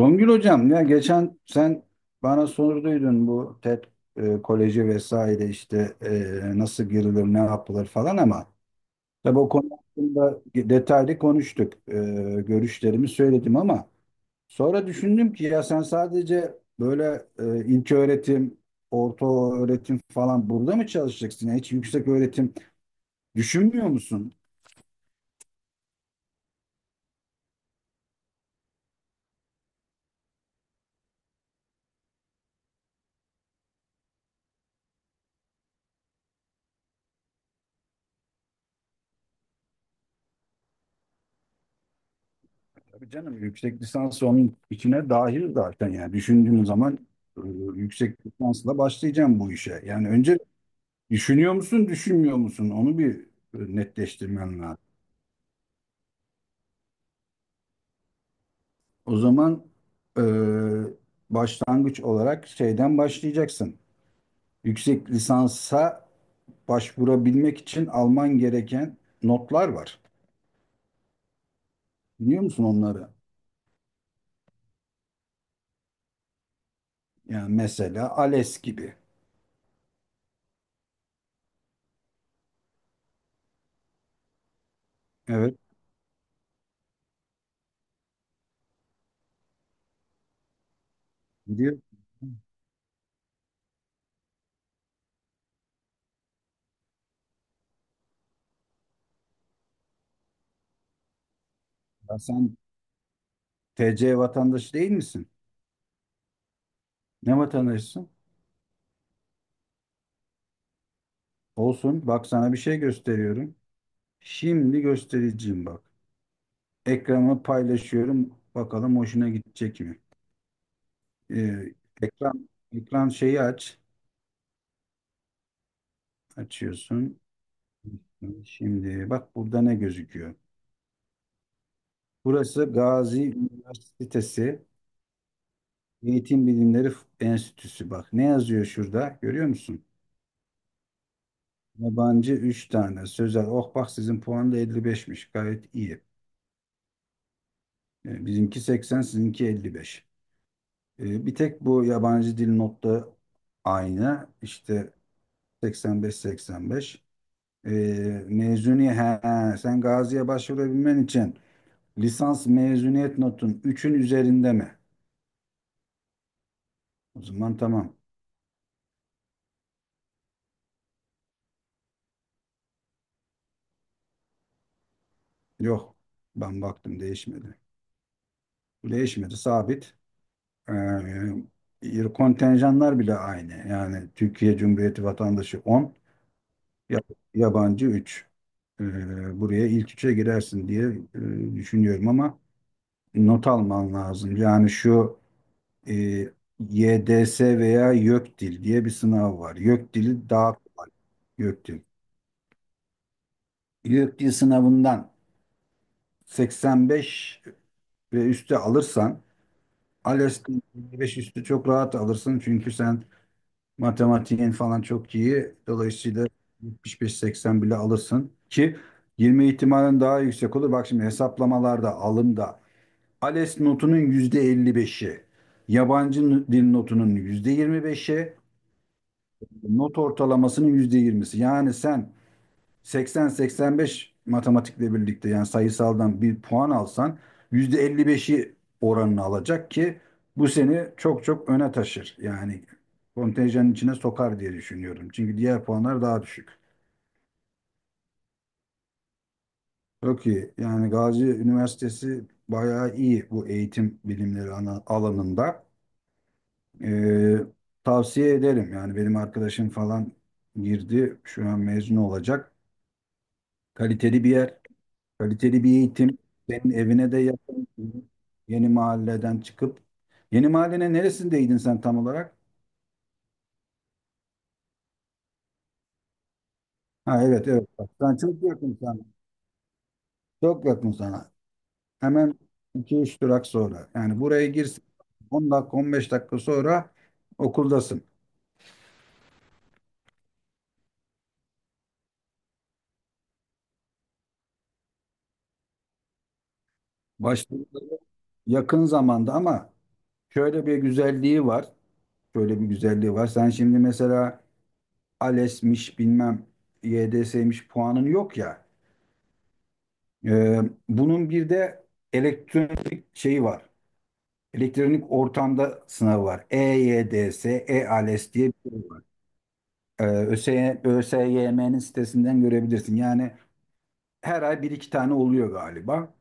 Songül hocam ya geçen sen bana sorduydun bu TED koleji vesaire işte nasıl girilir ne yapılır falan ama tabii o konu hakkında detaylı konuştuk. Görüşlerimi söyledim ama sonra düşündüm ki ya sen sadece böyle ilköğretim, orta öğretim falan burada mı çalışacaksın? Ya hiç yüksek öğretim düşünmüyor musun? Tabii canım yüksek lisans onun içine dahil zaten yani düşündüğüm zaman e, yüksek lisansla başlayacağım bu işe. Yani önce düşünüyor musun, düşünmüyor musun? Onu bir netleştirmen lazım. O zaman e, başlangıç olarak şeyden başlayacaksın. Yüksek lisansa başvurabilmek için alman gereken notlar var. Biliyor musun onları? Yani mesela ALES gibi. Evet, biliyorum. Ya sen TC vatandaşı değil misin? Ne vatandaşısın? Olsun. Bak sana bir şey gösteriyorum. Şimdi göstereceğim bak. Ekranı paylaşıyorum. Bakalım hoşuna gidecek mi? Ee, ekran ekran şeyi aç. Açıyorsun. Şimdi bak burada ne gözüküyor? Burası Gazi Üniversitesi Eğitim Bilimleri Enstitüsü. Bak ne yazıyor şurada? Görüyor musun? Yabancı 3 tane. Sözel. Oh, bak sizin puan da 55'miş. Gayet iyi. Bizimki 80, sizinki 55. Bir tek bu yabancı dil notta aynı. İşte 85-85. E, mezuni he, he, sen Gazi'ye başvurabilmen için lisans mezuniyet notun üçün üzerinde mi? O zaman tamam. Yok. Ben baktım değişmedi. Değişmedi sabit. Kontenjanlar bile aynı. Yani Türkiye Cumhuriyeti vatandaşı 10, ya- yabancı 3. E, buraya ilk üçe girersin diye düşünüyorum ama not alman lazım. Yani şu e, YDS veya YÖKDİL diye bir sınav var. YÖKDİL'i daha kolay. YÖKDİL. YÖKDİL sınavından 85 ve üstü alırsan ALES'ten 55 üstü çok rahat alırsın. Çünkü sen matematiğin falan çok iyi. Dolayısıyla 75-80 bile alırsın ki 20 ihtimalin daha yüksek olur. Bak şimdi hesaplamalarda, alımda ALES notunun yüzde elli beşi, yabancı dil notunun yüzde yirmi beşi, not ortalamasının yüzde yirmisi. Yani sen 80-85 matematikle birlikte yani sayısaldan bir puan alsan yüzde elli beşi oranını alacak ki bu seni çok çok öne taşır. Yani kontenjanın içine sokar diye düşünüyorum. Çünkü diğer puanlar daha düşük. Çok iyi. Yani Gazi Üniversitesi bayağı iyi bu eğitim bilimleri alanında. Ee, tavsiye ederim. Yani benim arkadaşım falan girdi. Şu an mezun olacak. Kaliteli bir yer, kaliteli bir eğitim. Senin evine de yakın. Yeni mahalleden çıkıp. Yeni mahallenin neresindeydin sen tam olarak? Ha, evet, evet. Bak, sen çok yakın sana. Çok yakın sana. Hemen iki üç durak sonra. Yani buraya girsin. 10 dakika 15 dakika sonra okuldasın. Başladığı yakın zamanda ama şöyle bir güzelliği var. Böyle bir güzelliği var. Sen şimdi mesela ALES'miş bilmem YDS'miş puanın yok ya. Ee, bunun bir de elektronik şeyi var. Elektronik ortamda sınavı var. E-YDS, E-ALES diye bir şey var. ÖSYM'nin sitesinden görebilirsin. Yani her ay bir iki tane oluyor galiba.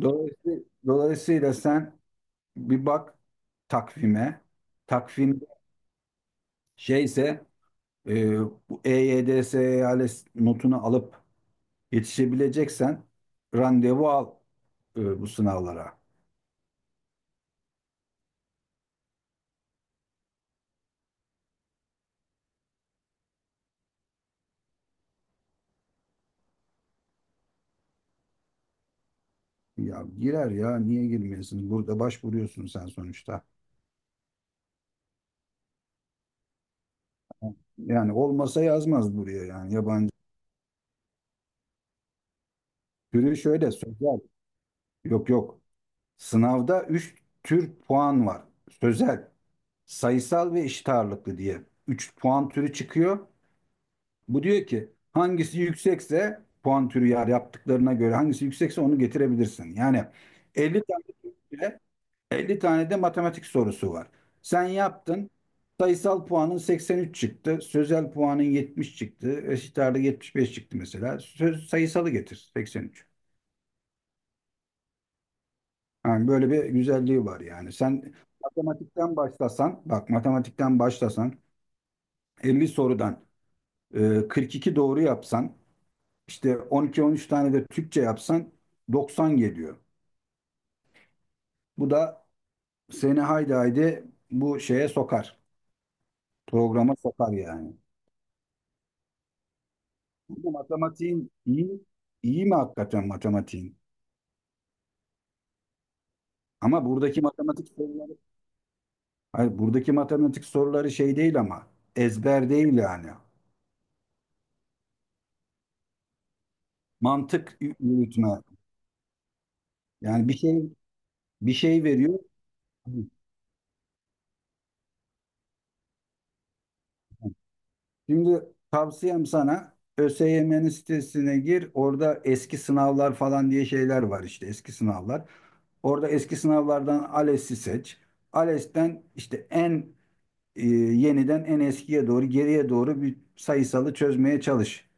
Dolayısıyla, dolayısıyla, sen bir bak takvime. Takvimde şeyse e, bu EYDS ALES notunu alıp yetişebileceksen randevu al bu sınavlara. Ya girer ya niye girmiyorsun? Burada başvuruyorsun sen sonuçta. Yani olmasa yazmaz buraya yani yabancı. Türü şöyle sözel. Yok, yok. Sınavda 3 tür puan var. Sözel, sayısal ve eşit ağırlıklı diye. Üç puan türü çıkıyor. Bu diyor ki hangisi yüksekse puan türü yani yaptıklarına göre hangisi yüksekse onu getirebilirsin. Yani 50 tane, 50 tane de matematik sorusu var. Sen yaptın. Sayısal puanın 83 çıktı. Sözel puanın 70 çıktı. Eşit ağırlığı 75 çıktı mesela. Sayısalı getir, 83. Yani böyle bir güzelliği var yani. Sen matematikten başlasan, bak matematikten başlasan, 50 sorudan 42 doğru yapsan, işte 12-13 tane de Türkçe yapsan 90 geliyor. Bu da seni haydi haydi bu şeye sokar. Programa sokar yani. Burada matematiğin iyi, iyi mi hakikaten matematiğin? Ama buradaki matematik soruları, hayır, buradaki matematik soruları şey değil ama ezber değil yani. Mantık yürütme. Yani bir şey, bir şey veriyor. Şimdi tavsiyem sana ÖSYM'nin sitesine gir. Orada eski sınavlar falan diye şeyler var, işte eski sınavlar. Orada eski sınavlardan ALES'i seç. ALES'ten işte en yeniden en eskiye doğru, geriye doğru bir sayısalı çözmeye çalış.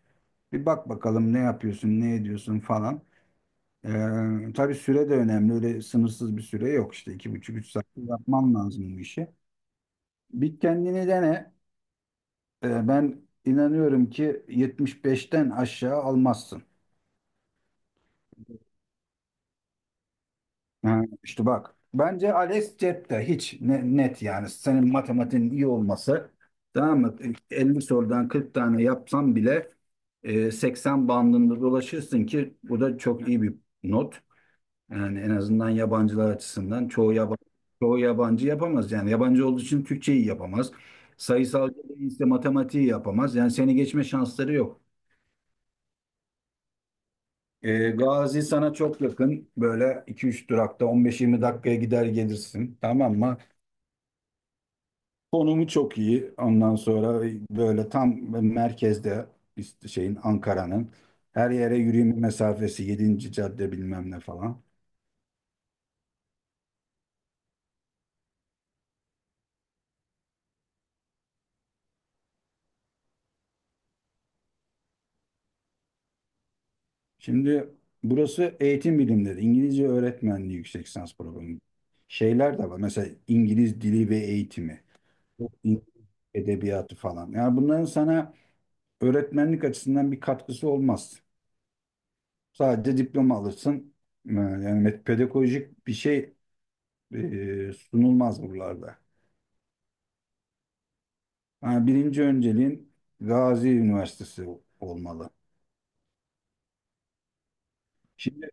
Bir bak bakalım ne yapıyorsun, ne ediyorsun falan. Tabii süre de önemli. Öyle sınırsız bir süre yok işte. İki buçuk, 3 saat yapman lazım bu işi. Bir kendini dene. Ben inanıyorum ki 75'ten aşağı almazsın. Ha, işte bak. Bence Alex Cep'te hiç net yani. Senin matematiğin iyi olması, tamam mı? 50 sorudan 40 tane yapsam bile 80 bandında dolaşırsın ki bu da çok iyi bir not. Yani en azından yabancılar açısından çoğu yabancı, çoğu yabancı yapamaz. Yani yabancı olduğu için Türkçeyi yapamaz. Sayısal değilse matematiği yapamaz. Yani seni geçme şansları yok. Gazi sana çok yakın. Böyle 2-3 durakta 15-20 dakikaya gider gelirsin. Tamam mı? Konumu çok iyi. Ondan sonra böyle tam merkezde, işte şeyin Ankara'nın her yere yürüyme mesafesi, yedinci cadde bilmem ne falan. Şimdi burası eğitim bilimleri, İngilizce öğretmenliği yüksek lisans programı. Şeyler de var. Mesela İngiliz dili ve eğitimi, İngiliz edebiyatı falan. Yani bunların sana öğretmenlik açısından bir katkısı olmaz. Sadece diploma alırsın. Yani pedagojik bir şey sunulmaz buralarda. Ha, birinci önceliğin Gazi Üniversitesi olmalı. Şimdi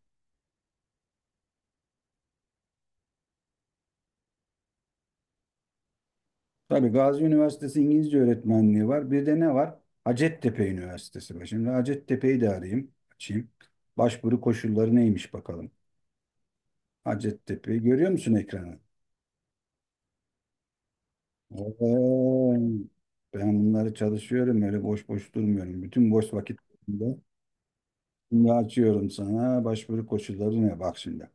tabii Gazi Üniversitesi İngilizce öğretmenliği var. Bir de ne var? Hacettepe Üniversitesi var. Şimdi Hacettepe'yi de arayayım, açayım. Başvuru koşulları neymiş bakalım. Hacettepe'yi görüyor musun, ekranı? Oo, ben bunları çalışıyorum, öyle boş boş durmuyorum. Bütün boş vakitlerimde şimdi açıyorum sana, başvuru koşulları ne, bak şimdi.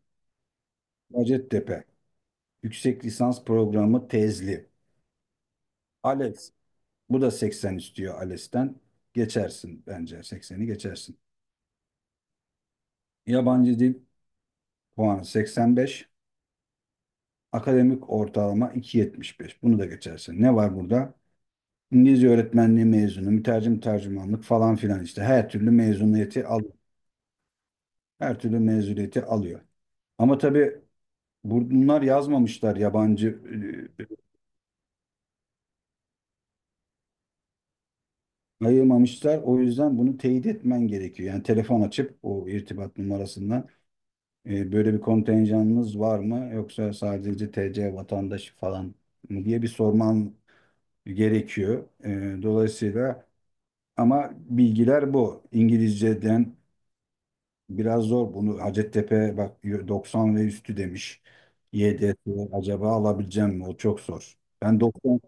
Hacettepe Yüksek Lisans Programı Tezli. Alex. Bu da 80 istiyor ALES'ten. Geçersin bence, 80'i geçersin. Yabancı dil puanı 85. Akademik ortalama 2,75. Bunu da geçersin. Ne var burada? İngilizce öğretmenliği mezunu, mütercim tercümanlık falan filan, işte her türlü mezuniyeti al, her türlü mezuniyeti alıyor. Ama tabii bunlar yazmamışlar yabancı, ayırmamışlar. O yüzden bunu teyit etmen gerekiyor. Yani telefon açıp o irtibat numarasından, böyle bir kontenjanınız var mı? Yoksa sadece TC vatandaşı falan mı, diye bir sormam gerekiyor. Dolayısıyla ama bilgiler bu. İngilizceden biraz zor. Bunu Hacettepe bak 90 ve üstü demiş. YDS acaba alabileceğim mi? O çok zor. Ben 90,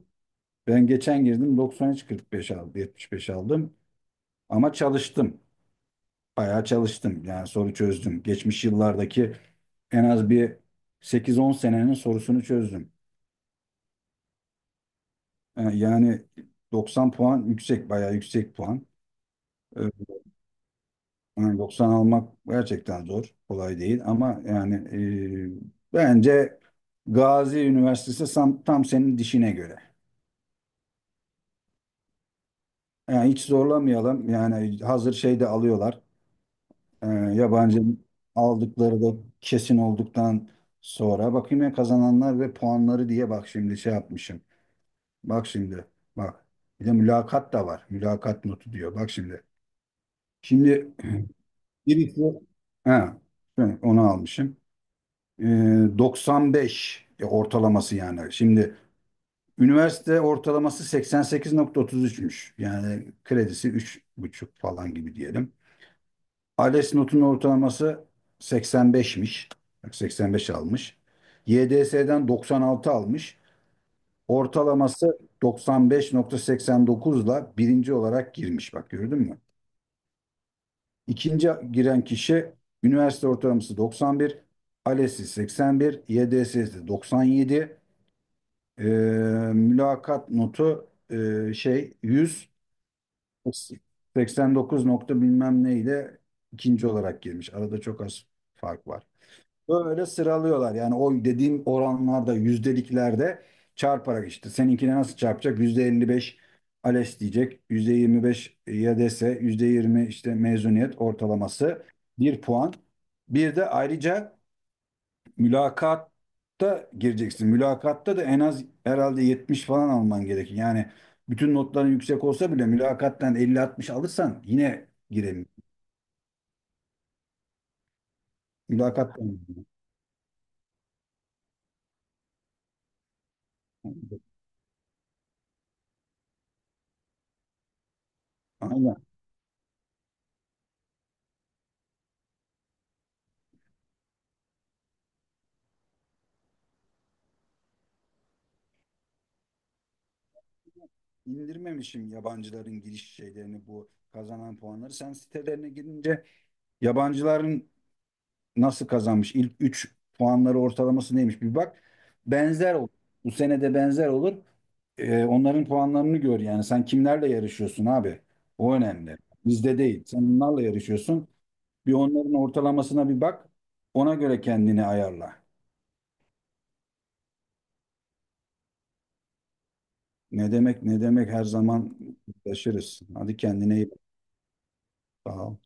ben geçen girdim, 93, 45 aldım, 75 aldım ama çalıştım. Bayağı çalıştım. Yani soru çözdüm. Geçmiş yıllardaki en az bir 8-10 senenin sorusunu çözdüm. Yani 90 puan yüksek, bayağı yüksek puan. E, yani 90 almak gerçekten zor, kolay değil, ama yani bence Gazi Üniversitesi tam, tam senin dişine göre. Yani hiç zorlamayalım. Yani hazır şey de alıyorlar. Ee, yabancı aldıkları da kesin olduktan sonra bakayım. Ya kazananlar ve puanları diye bak şimdi, şey yapmışım. Bak şimdi bak. Bir de mülakat da var. Mülakat notu diyor. Bak şimdi. Şimdi birisi, ha, evet, onu almışım. Ee, 95 ortalaması yani. Şimdi üniversite ortalaması 88,33'müş. Yani kredisi üç buçuk falan gibi diyelim. ALES notunun ortalaması 85'miş. Bak, 85 almış. YDS'den 96 almış. Ortalaması 95,89 ile birinci olarak girmiş. Bak, gördün mü? İkinci giren kişi üniversite ortalaması 91, ALES'i 81, YDS'si 97, Ee, mülakat notu şey 100, 89 nokta bilmem ne ile ikinci olarak girmiş. Arada çok az fark var. Böyle sıralıyorlar. Yani o dediğim oranlarda, yüzdeliklerde çarparak işte. Seninkine nasıl çarpacak? %55 ALES diyecek. %25 YDS, %20 işte mezuniyet ortalaması. Bir puan. Bir de ayrıca mülakatta gireceksin. Mülakatta da en az herhalde 70 falan alman gerekir. Yani bütün notların yüksek olsa bile mülakattan 50-60 alırsan yine giremiyorsun. Mülakattan. Aynen. indirmemişim yabancıların giriş şeylerini, bu kazanan puanları. Sen sitelerine girince yabancıların nasıl kazanmış, ilk 3 puanları ortalaması neymiş, bir bak. Benzer olur. Bu sene de benzer olur. Onların puanlarını gör yani. Sen kimlerle yarışıyorsun abi? O önemli. Bizde değil. Sen onlarla yarışıyorsun. Bir onların ortalamasına bir bak. Ona göre kendini ayarla. Ne demek, ne demek, her zaman taşırız. Hadi kendine iyi bak. Sağ ol.